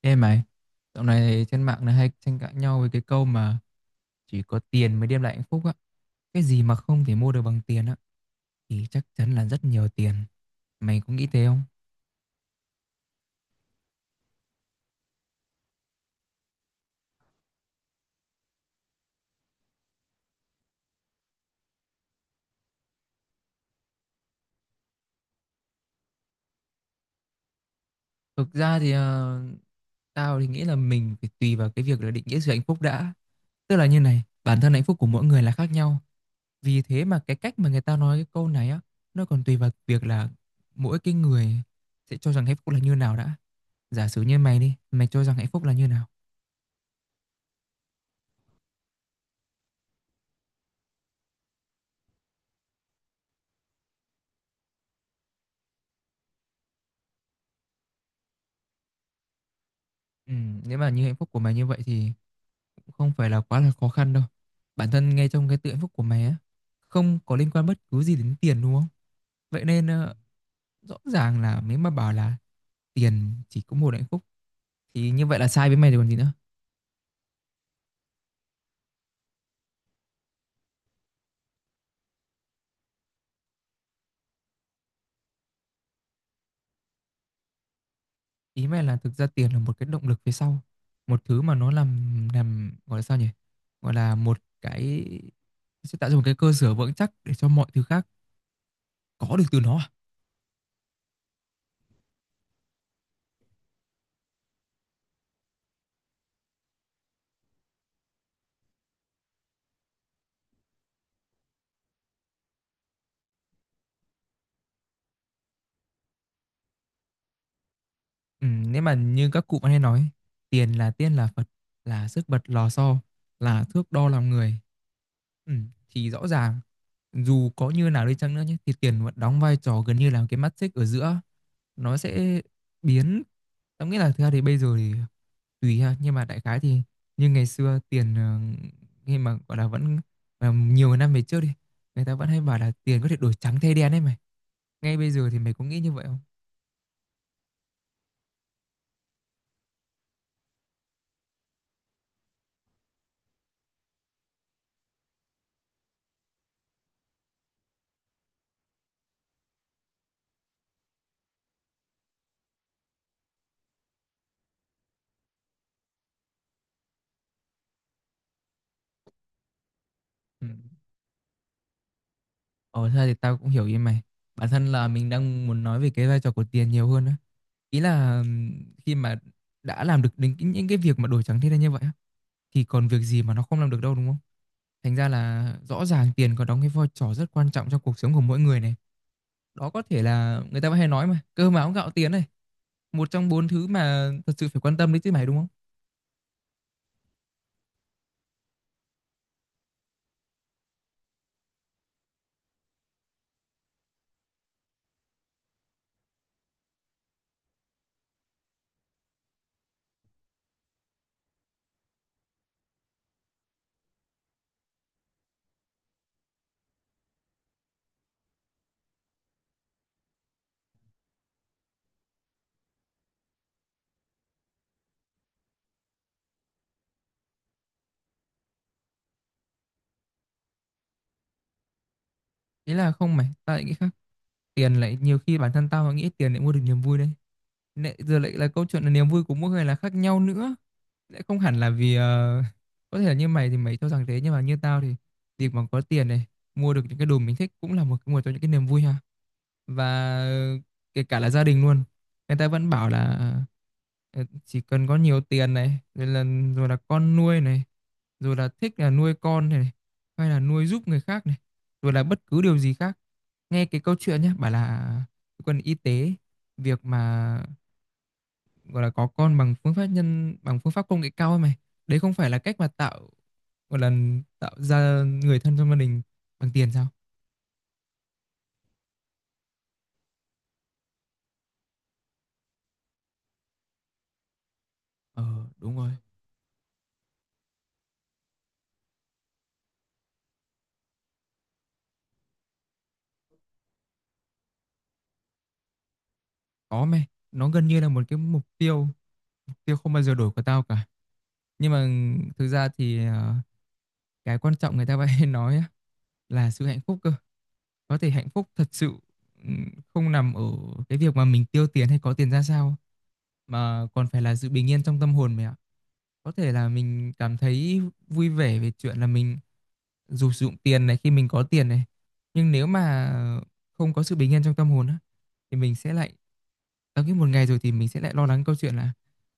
Ê mày, dạo này trên mạng này hay tranh cãi nhau với cái câu mà chỉ có tiền mới đem lại hạnh phúc á. Cái gì mà không thể mua được bằng tiền á, thì chắc chắn là rất nhiều tiền. Mày có nghĩ thế không? Thực ra thì tao thì nghĩ là mình phải tùy vào cái việc là định nghĩa sự hạnh phúc đã. Tức là như này, bản thân hạnh phúc của mỗi người là khác nhau. Vì thế mà cái cách mà người ta nói cái câu này á, nó còn tùy vào việc là mỗi cái người sẽ cho rằng hạnh phúc là như nào đã. Giả sử như mày đi, mày cho rằng hạnh phúc là như nào? Nếu mà như hạnh phúc của mày như vậy thì cũng không phải là quá là khó khăn đâu. Bản thân ngay trong cái tự hạnh phúc của mày á, không có liên quan bất cứ gì đến tiền đúng không? Vậy nên rõ ràng là nếu mà bảo là tiền chỉ có một hạnh phúc thì như vậy là sai với mày rồi còn gì nữa. Ý mày là thực ra tiền là một cái động lực phía sau, một thứ mà nó làm gọi là sao nhỉ? Gọi là một cái sẽ tạo ra một cái cơ sở vững chắc để cho mọi thứ khác có được từ nó à? Ừ, nếu mà như các cụ vẫn hay nói tiền là tiên là Phật, là sức bật lò xo, là thước đo lòng người, ừ, thì rõ ràng dù có như nào đi chăng nữa nhé thì tiền vẫn đóng vai trò gần như là cái mắt xích ở giữa, nó sẽ biến, tao nghĩ là thực ra thì bây giờ thì tùy ha, nhưng mà đại khái thì như ngày xưa tiền khi mà gọi là vẫn, nhiều năm về trước đi, người ta vẫn hay bảo là tiền có thể đổi trắng thay đen ấy mày. Ngay bây giờ thì mày có nghĩ như vậy không? Ừ. Ồ, thật ra thì tao cũng hiểu ý mày. Bản thân là mình đang muốn nói về cái vai trò của tiền nhiều hơn á. Ý là khi mà đã làm được đến những cái việc mà đổi trắng thay đen như vậy á, thì còn việc gì mà nó không làm được đâu đúng không? Thành ra là rõ ràng tiền có đóng cái vai trò rất quan trọng trong cuộc sống của mỗi người này. Đó có thể là người ta vẫn hay nói mà, cơm áo gạo tiền này, một trong bốn thứ mà thật sự phải quan tâm đấy chứ mày đúng không? Ý là không mày, tao lại nghĩ khác. Tiền lại nhiều khi bản thân tao nghĩ tiền lại mua được niềm vui đấy. Nãy giờ lại là câu chuyện là niềm vui của mỗi người là khác nhau nữa. Sẽ không hẳn là vì có thể là như mày thì mày cho rằng thế, nhưng mà như tao thì việc mà có tiền này, mua được những cái đồ mình thích cũng là một cái nguồn cho những cái niềm vui ha. Và kể cả là gia đình luôn, người ta vẫn bảo là ờ, chỉ cần có nhiều tiền này rồi là, rồi là con nuôi này, rồi là thích là nuôi con này, hay là nuôi giúp người khác này, rồi là bất cứ điều gì khác. Nghe cái câu chuyện nhé, bảo là cơ quan y tế, việc mà gọi là có con bằng phương pháp nhân bằng phương pháp công nghệ cao ấy mày, đấy không phải là cách mà tạo, gọi là tạo ra người thân trong gia đình bằng tiền sao? Ờ, đúng rồi. Có mày, nó gần như là một cái mục tiêu, mục tiêu không bao giờ đổi của tao cả. Nhưng mà thực ra thì cái quan trọng người ta vẫn hay nói á, là sự hạnh phúc cơ. Có thể hạnh phúc thật sự, ừm, không nằm ở cái việc mà mình tiêu tiền hay có tiền ra sao, mà còn phải là sự bình yên trong tâm hồn mày ạ. Có thể là mình cảm thấy vui vẻ về chuyện là mình dù sử dụng tiền này, khi mình có tiền này, nhưng nếu mà không có sự bình yên trong tâm hồn á, thì mình sẽ lại tới cái một ngày rồi thì mình sẽ lại lo lắng câu chuyện là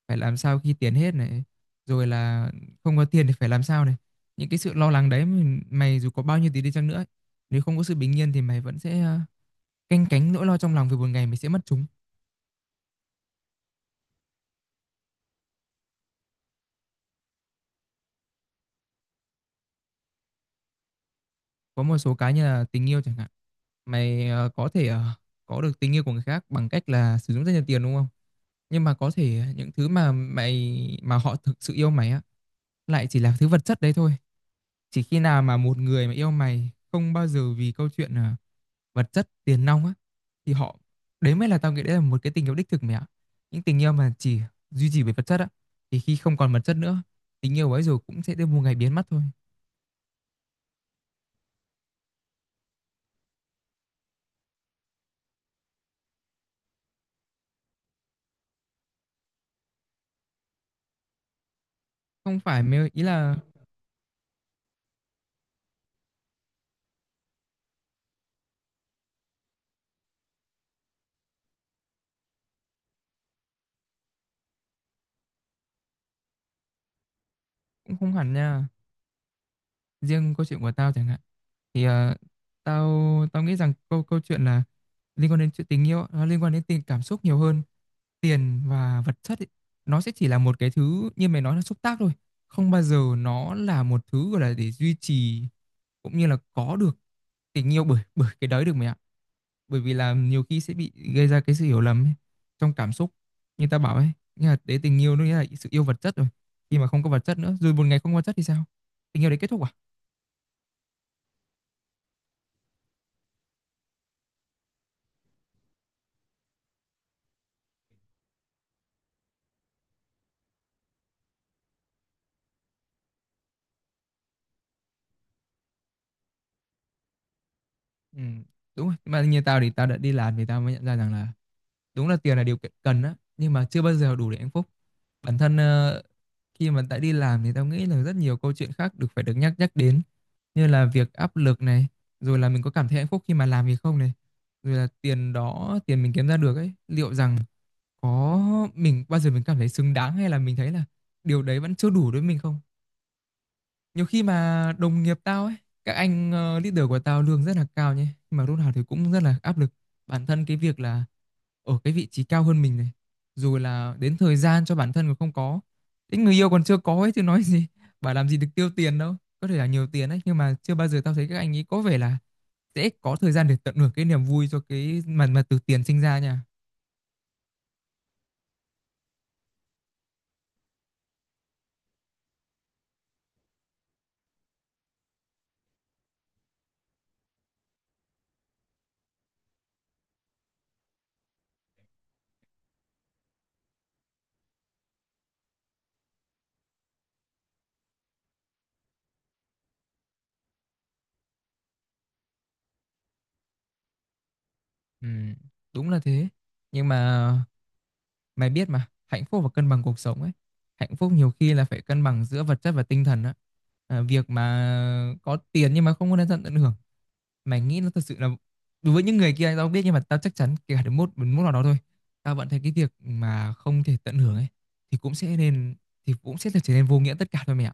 phải làm sao khi tiền hết này, rồi là không có tiền thì phải làm sao này. Những cái sự lo lắng đấy mình, mày dù có bao nhiêu tiền đi chăng nữa ấy, nếu không có sự bình yên thì mày vẫn sẽ canh cánh nỗi lo trong lòng về một ngày mình sẽ mất chúng. Có một số cái như là tình yêu chẳng hạn. Mày có thể có được tình yêu của người khác bằng cách là sử dụng rất nhiều tiền đúng không? Nhưng mà có thể những thứ mà mày mà họ thực sự yêu mày á, lại chỉ là thứ vật chất đấy thôi. Chỉ khi nào mà một người mà yêu mày không bao giờ vì câu chuyện vật chất tiền nong á, thì họ, đấy mới là tao nghĩ đấy là một cái tình yêu đích thực mẹ ạ. Những tình yêu mà chỉ duy trì về vật chất á, thì khi không còn vật chất nữa, tình yêu ấy rồi cũng sẽ tới một ngày biến mất thôi. Không phải mày, ý là cũng không hẳn nha. Riêng câu chuyện của tao chẳng hạn, thì tao tao nghĩ rằng câu câu chuyện là liên quan đến chuyện tình yêu, nó liên quan đến tình cảm xúc nhiều hơn. Tiền và vật chất ấy, nó sẽ chỉ là một cái thứ như mày nói là xúc tác thôi, không bao giờ nó là một thứ gọi là để duy trì cũng như là có được tình yêu bởi bởi cái đấy được mày ạ. Bởi vì là nhiều khi sẽ bị gây ra cái sự hiểu lầm ấy, trong cảm xúc, như tao bảo ấy, nghĩa là đấy tình yêu nó nghĩa là sự yêu vật chất rồi. Khi mà không có vật chất nữa, rồi một ngày không có vật chất thì sao, tình yêu đấy kết thúc à? Ừ, đúng rồi. Mà như tao thì tao đã đi làm thì tao mới nhận ra rằng là đúng là tiền là điều kiện cần á, nhưng mà chưa bao giờ đủ để hạnh phúc. Bản thân khi mà đã đi làm thì tao nghĩ là rất nhiều câu chuyện khác được phải được nhắc nhắc đến, như là việc áp lực này, rồi là mình có cảm thấy hạnh phúc khi mà làm gì không này, rồi là tiền mình kiếm ra được ấy, liệu rằng có mình bao giờ mình cảm thấy xứng đáng hay là mình thấy là điều đấy vẫn chưa đủ đối với mình không? Nhiều khi mà đồng nghiệp tao ấy, các anh leader của tao lương rất là cao nhé, nhưng mà lúc nào thì cũng rất là áp lực. Bản thân cái việc là ở cái vị trí cao hơn mình này, rồi là đến thời gian cho bản thân còn không có, đến người yêu còn chưa có ấy chứ nói gì bảo làm gì được tiêu tiền đâu. Có thể là nhiều tiền đấy, nhưng mà chưa bao giờ tao thấy các anh ấy có vẻ là sẽ có thời gian để tận hưởng cái niềm vui cho cái mà từ tiền sinh ra nha. Ừ, đúng là thế, nhưng mà mày biết mà, hạnh phúc và cân bằng cuộc sống ấy. Hạnh phúc nhiều khi là phải cân bằng giữa vật chất và tinh thần á. À, việc mà có tiền nhưng mà không có đến tận tận hưởng. Mày nghĩ nó thật sự là, đối với những người kia tao không biết, nhưng mà tao chắc chắn kể cả đến một nào đó thôi. Tao vẫn thấy cái việc mà không thể tận hưởng ấy, thì cũng sẽ nên thì cũng sẽ là trở nên vô nghĩa tất cả thôi mẹ ạ.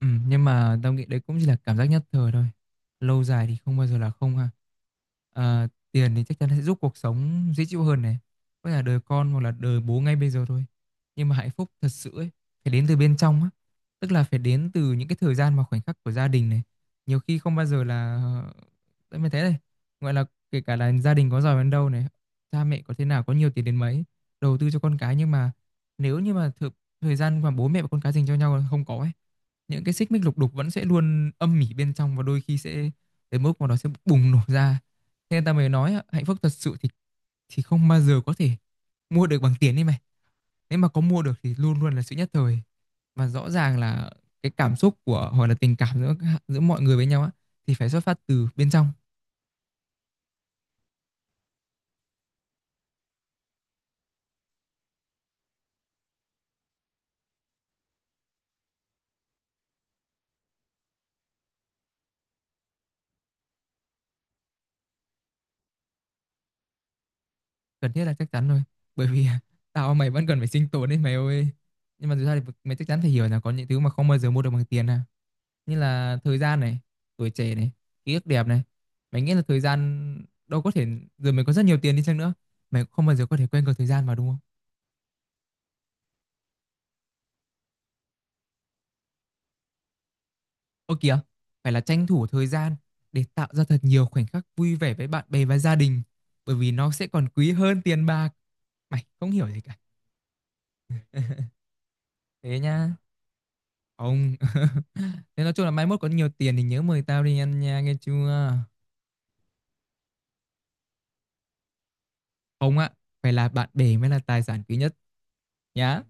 Ừ, nhưng mà tao nghĩ đấy cũng chỉ là cảm giác nhất thời thôi. Lâu dài thì không bao giờ là không ha. À, tiền thì chắc chắn sẽ giúp cuộc sống dễ chịu hơn này. Có thể là đời con hoặc là đời bố ngay bây giờ thôi. Nhưng mà hạnh phúc thật sự ấy, phải đến từ bên trong á. Tức là phải đến từ những cái thời gian và khoảnh khắc của gia đình này. Nhiều khi không bao giờ là... Tại mới thế này. Gọi là kể cả là gia đình có giàu đến đâu này, cha mẹ có thế nào, có nhiều tiền đến mấy, đầu tư cho con cái, nhưng mà nếu như mà thời gian mà bố mẹ và con cái dành cho nhau là không có ấy, những cái xích mích lục đục vẫn sẽ luôn âm mỉ bên trong, và đôi khi sẽ tới mức mà nó sẽ bùng nổ ra. Thế nên ta mới nói hạnh phúc thật sự thì không bao giờ có thể mua được bằng tiền đi mày. Nếu mà có mua được thì luôn luôn là sự nhất thời. Và rõ ràng là cái cảm xúc của hoặc là tình cảm giữa giữa mọi người với nhau á, thì phải xuất phát từ bên trong. Cần thiết là chắc chắn rồi, bởi vì tao mày vẫn cần phải sinh tồn đấy mày ơi. Nhưng mà thực ra thì mày chắc chắn phải hiểu là có những thứ mà không bao giờ mua được bằng tiền à, như là thời gian này, tuổi trẻ này, ký ức đẹp này. Mày nghĩ là thời gian đâu có thể, rồi mày có rất nhiều tiền đi chăng nữa, mày không bao giờ có thể quên được thời gian mà đúng không? Ô kìa, phải là tranh thủ thời gian để tạo ra thật nhiều khoảnh khắc vui vẻ với bạn bè và gia đình, bởi vì nó sẽ còn quý hơn tiền bạc. Mày không hiểu gì cả. Thế nha. Ông thế nói chung là mai mốt có nhiều tiền thì nhớ mời tao đi ăn nha nghe chưa. Ông ạ, phải là bạn bè mới là tài sản quý nhất nhá.